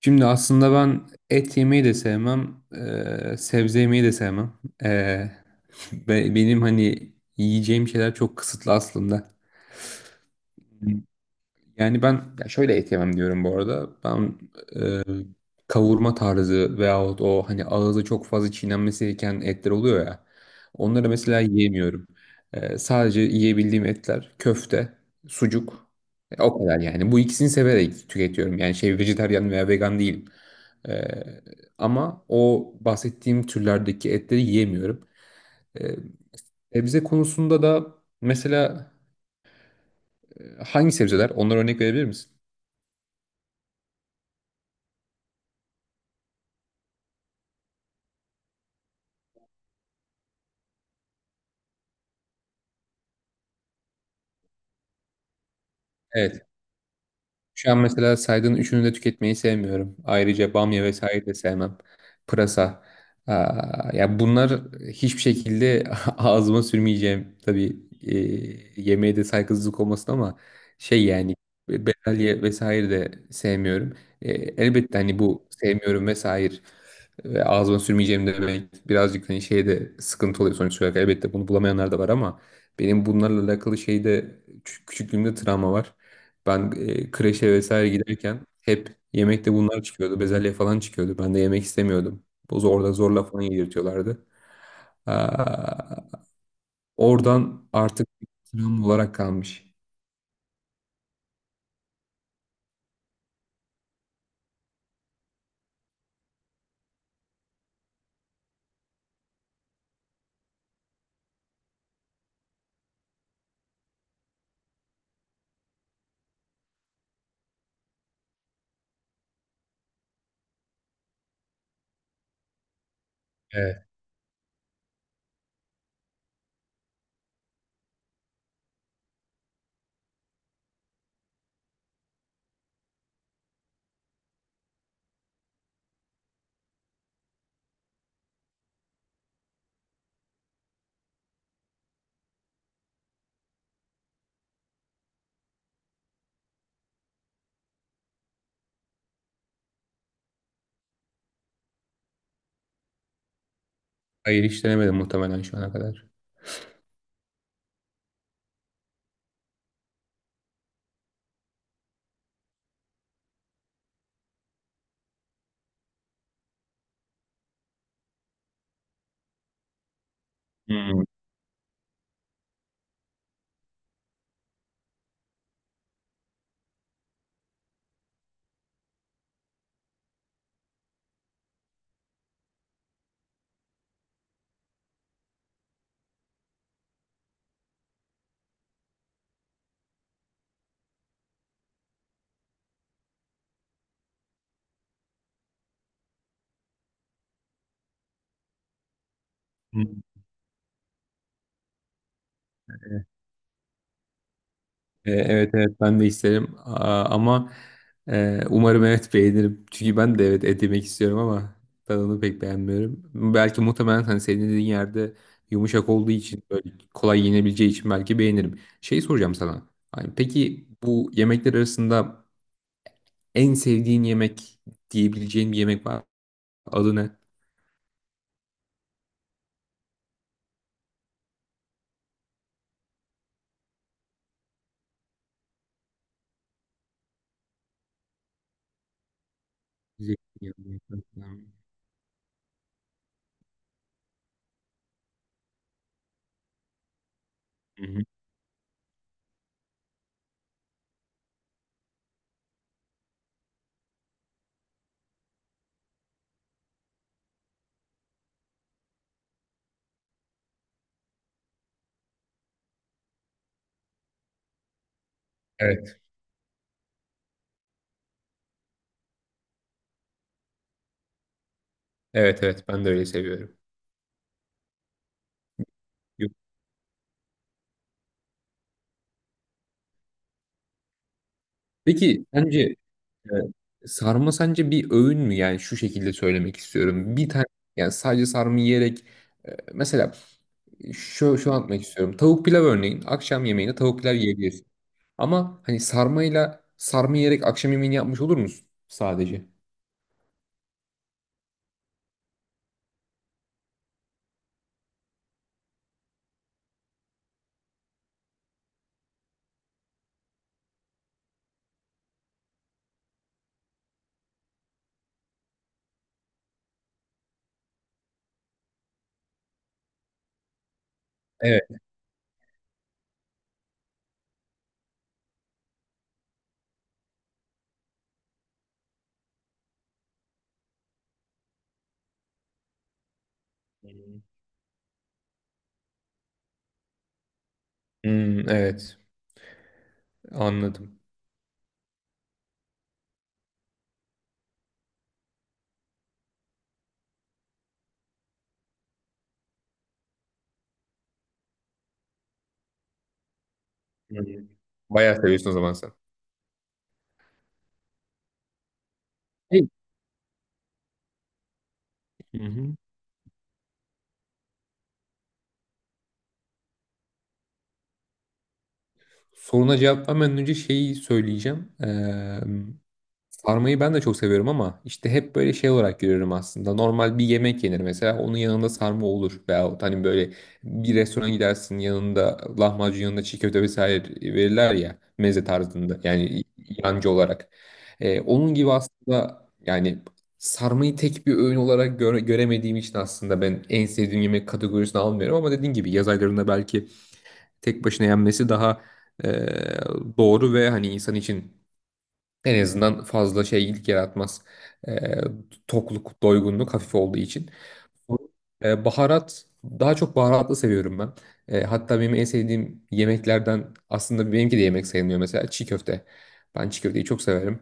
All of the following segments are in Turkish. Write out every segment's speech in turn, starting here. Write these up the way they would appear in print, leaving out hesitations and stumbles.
Şimdi aslında ben et yemeyi de sevmem, sebze yemeyi de sevmem. Eee, benim hani yiyeceğim şeyler çok kısıtlı aslında. Yani ben ya şöyle et yemem diyorum bu arada. Ben e, kavurma tarzı veyahut o hani ağzı çok fazla çiğnenmesi gereken etler oluyor ya. Onları mesela yiyemiyorum. Sadece yiyebildiğim etler köfte, sucuk. O kadar yani. Bu ikisini severek tüketiyorum. Yani şey vejetaryen veya vegan değilim. E, Ama o bahsettiğim türlerdeki etleri yiyemiyorum. E, Sebze konusunda da mesela hangi sebzeler? Onlara örnek verebilir misin? Evet. Şu an mesela saydığın üçünü de tüketmeyi sevmiyorum. Ayrıca bamya vesaire de sevmem. Pırasa. Aa, ya bunlar hiçbir şekilde ağzıma sürmeyeceğim. Tabii yemeğe de saygısızlık olmasın ama şey yani bezelye vesaire de sevmiyorum. Elbette hani bu sevmiyorum vesaire ve ağzıma sürmeyeceğim demek birazcık hani şeyde sıkıntı oluyor sonuç olarak. Elbette bunu bulamayanlar da var ama benim bunlarla alakalı şeyde küçüklüğümde travma var. Ben kreşe vesaire giderken hep yemekte bunlar çıkıyordu. Bezelye falan çıkıyordu. Ben de yemek istemiyordum. Orada zorla falan yedirtiyorlardı. Aa, oradan artık travma olarak kalmış. Evet. Hayır, hiç denemedim muhtemelen şu ana kadar. Hmm. Evet, evet ben de isterim ama umarım evet beğenirim. Çünkü ben de evet et yemek istiyorum ama tadını pek beğenmiyorum. Belki muhtemelen hani senin dediğin yerde yumuşak olduğu için böyle kolay yenebileceği için belki beğenirim. Şey soracağım sana. Hani peki bu yemekler arasında en sevdiğin yemek diyebileceğin bir yemek var. Adı ne? Zeytinyağlı. Hı hı. Evet, evet, evet. Ben de öyle seviyorum. Peki sence, evet, sarma sence bir öğün mü? Yani şu şekilde söylemek istiyorum. Bir tane yani sadece sarma yiyerek mesela şu anlatmak istiyorum. Tavuk pilav örneğin akşam yemeğine tavuk pilav yiyebilirsin. Ama hani sarmayla sarma yiyerek akşam yemeğini yapmış olur musun sadece? Evet. Hmm, evet. Anladım. Hmm. Bayağı seviyorsun o zaman sen. Hey. Hı hı. Soruna cevap vermeden önce şeyi söyleyeceğim. Sarmayı ben de çok seviyorum ama işte hep böyle şey olarak görüyorum aslında. Normal bir yemek yenir mesela onun yanında sarma olur. Veyahut hani böyle bir restorana gidersin yanında lahmacun yanında çiğ köfte vesaire verirler ya meze tarzında yani yancı olarak. Onun gibi aslında yani sarmayı tek bir öğün olarak göremediğim için aslında ben en sevdiğim yemek kategorisine almıyorum. Ama dediğin gibi yaz aylarında belki tek başına yenmesi daha e, doğru ve hani insan için en azından fazla şeylik yaratmaz. Ee, tokluk, doygunluk hafif olduğu için. Baharat, daha çok baharatlı seviyorum ben. Hatta benim en sevdiğim yemeklerden aslında benimki de yemek sayılmıyor mesela çiğ köfte. Ben çiğ köfteyi çok severim.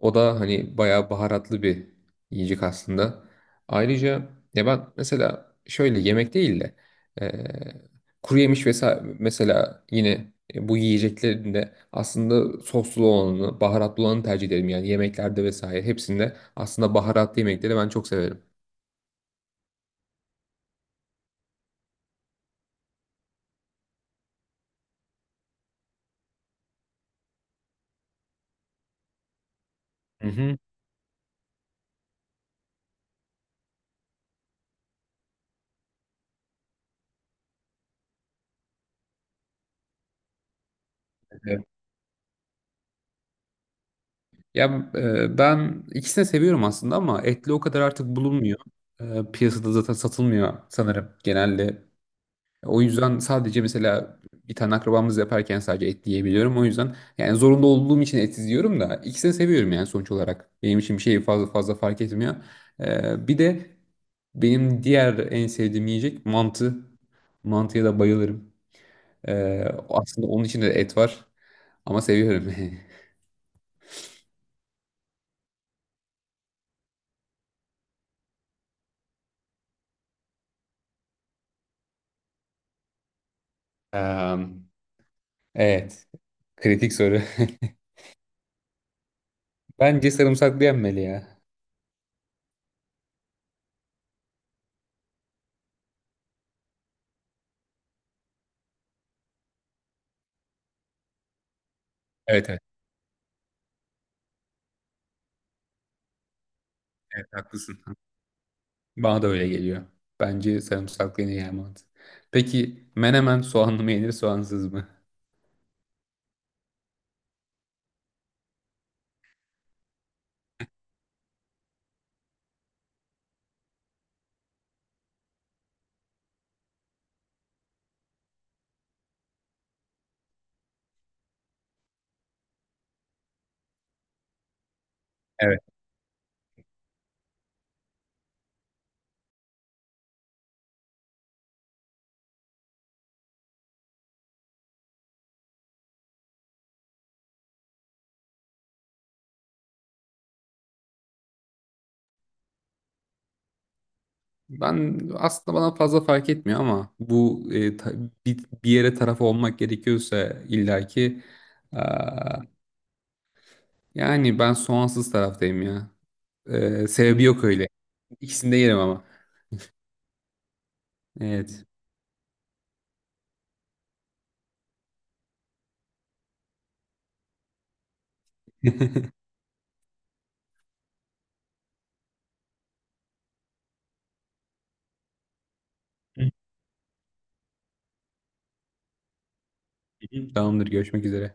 O da hani bayağı baharatlı bir yiyecek aslında. Ayrıca ya ben mesela şöyle yemek değil de eee kuru yemiş vesaire mesela yine bu yiyeceklerinde aslında soslu olanı, baharatlı olanı tercih ederim. Yani yemeklerde vesaire hepsinde aslında baharatlı yemekleri ben çok severim. Hı hı. Evet. Ya ben ikisini seviyorum aslında ama etli o kadar artık bulunmuyor. Piyasada zaten satılmıyor sanırım. Genelde o yüzden sadece mesela bir tane akrabamız yaparken sadece et yiyebiliyorum. O yüzden yani zorunda olduğum için et yiyorum da ikisini seviyorum yani sonuç olarak. Benim için bir şey fazla fark etmiyor. Bir de benim diğer en sevdiğim yiyecek mantı. Mantıya da bayılırım. Aslında onun içinde de et var ama seviyorum. Em, evet, kritik soru. Bence sarımsaklı yenmeli ya. Evet, evet, evet haklısın. Bana da öyle geliyor. Bence sarımsaklı en iyi emanet. Peki menemen soğanlı mı yenir soğansız mı? Evet. Ben aslında bana fazla fark etmiyor ama bu bir yere taraf olmak gerekiyorsa illaki aa, yani ben soğansız taraftayım ya. Sebebi yok öyle. İkisini de yerim ama. Evet. Tamamdır, görüşmek üzere.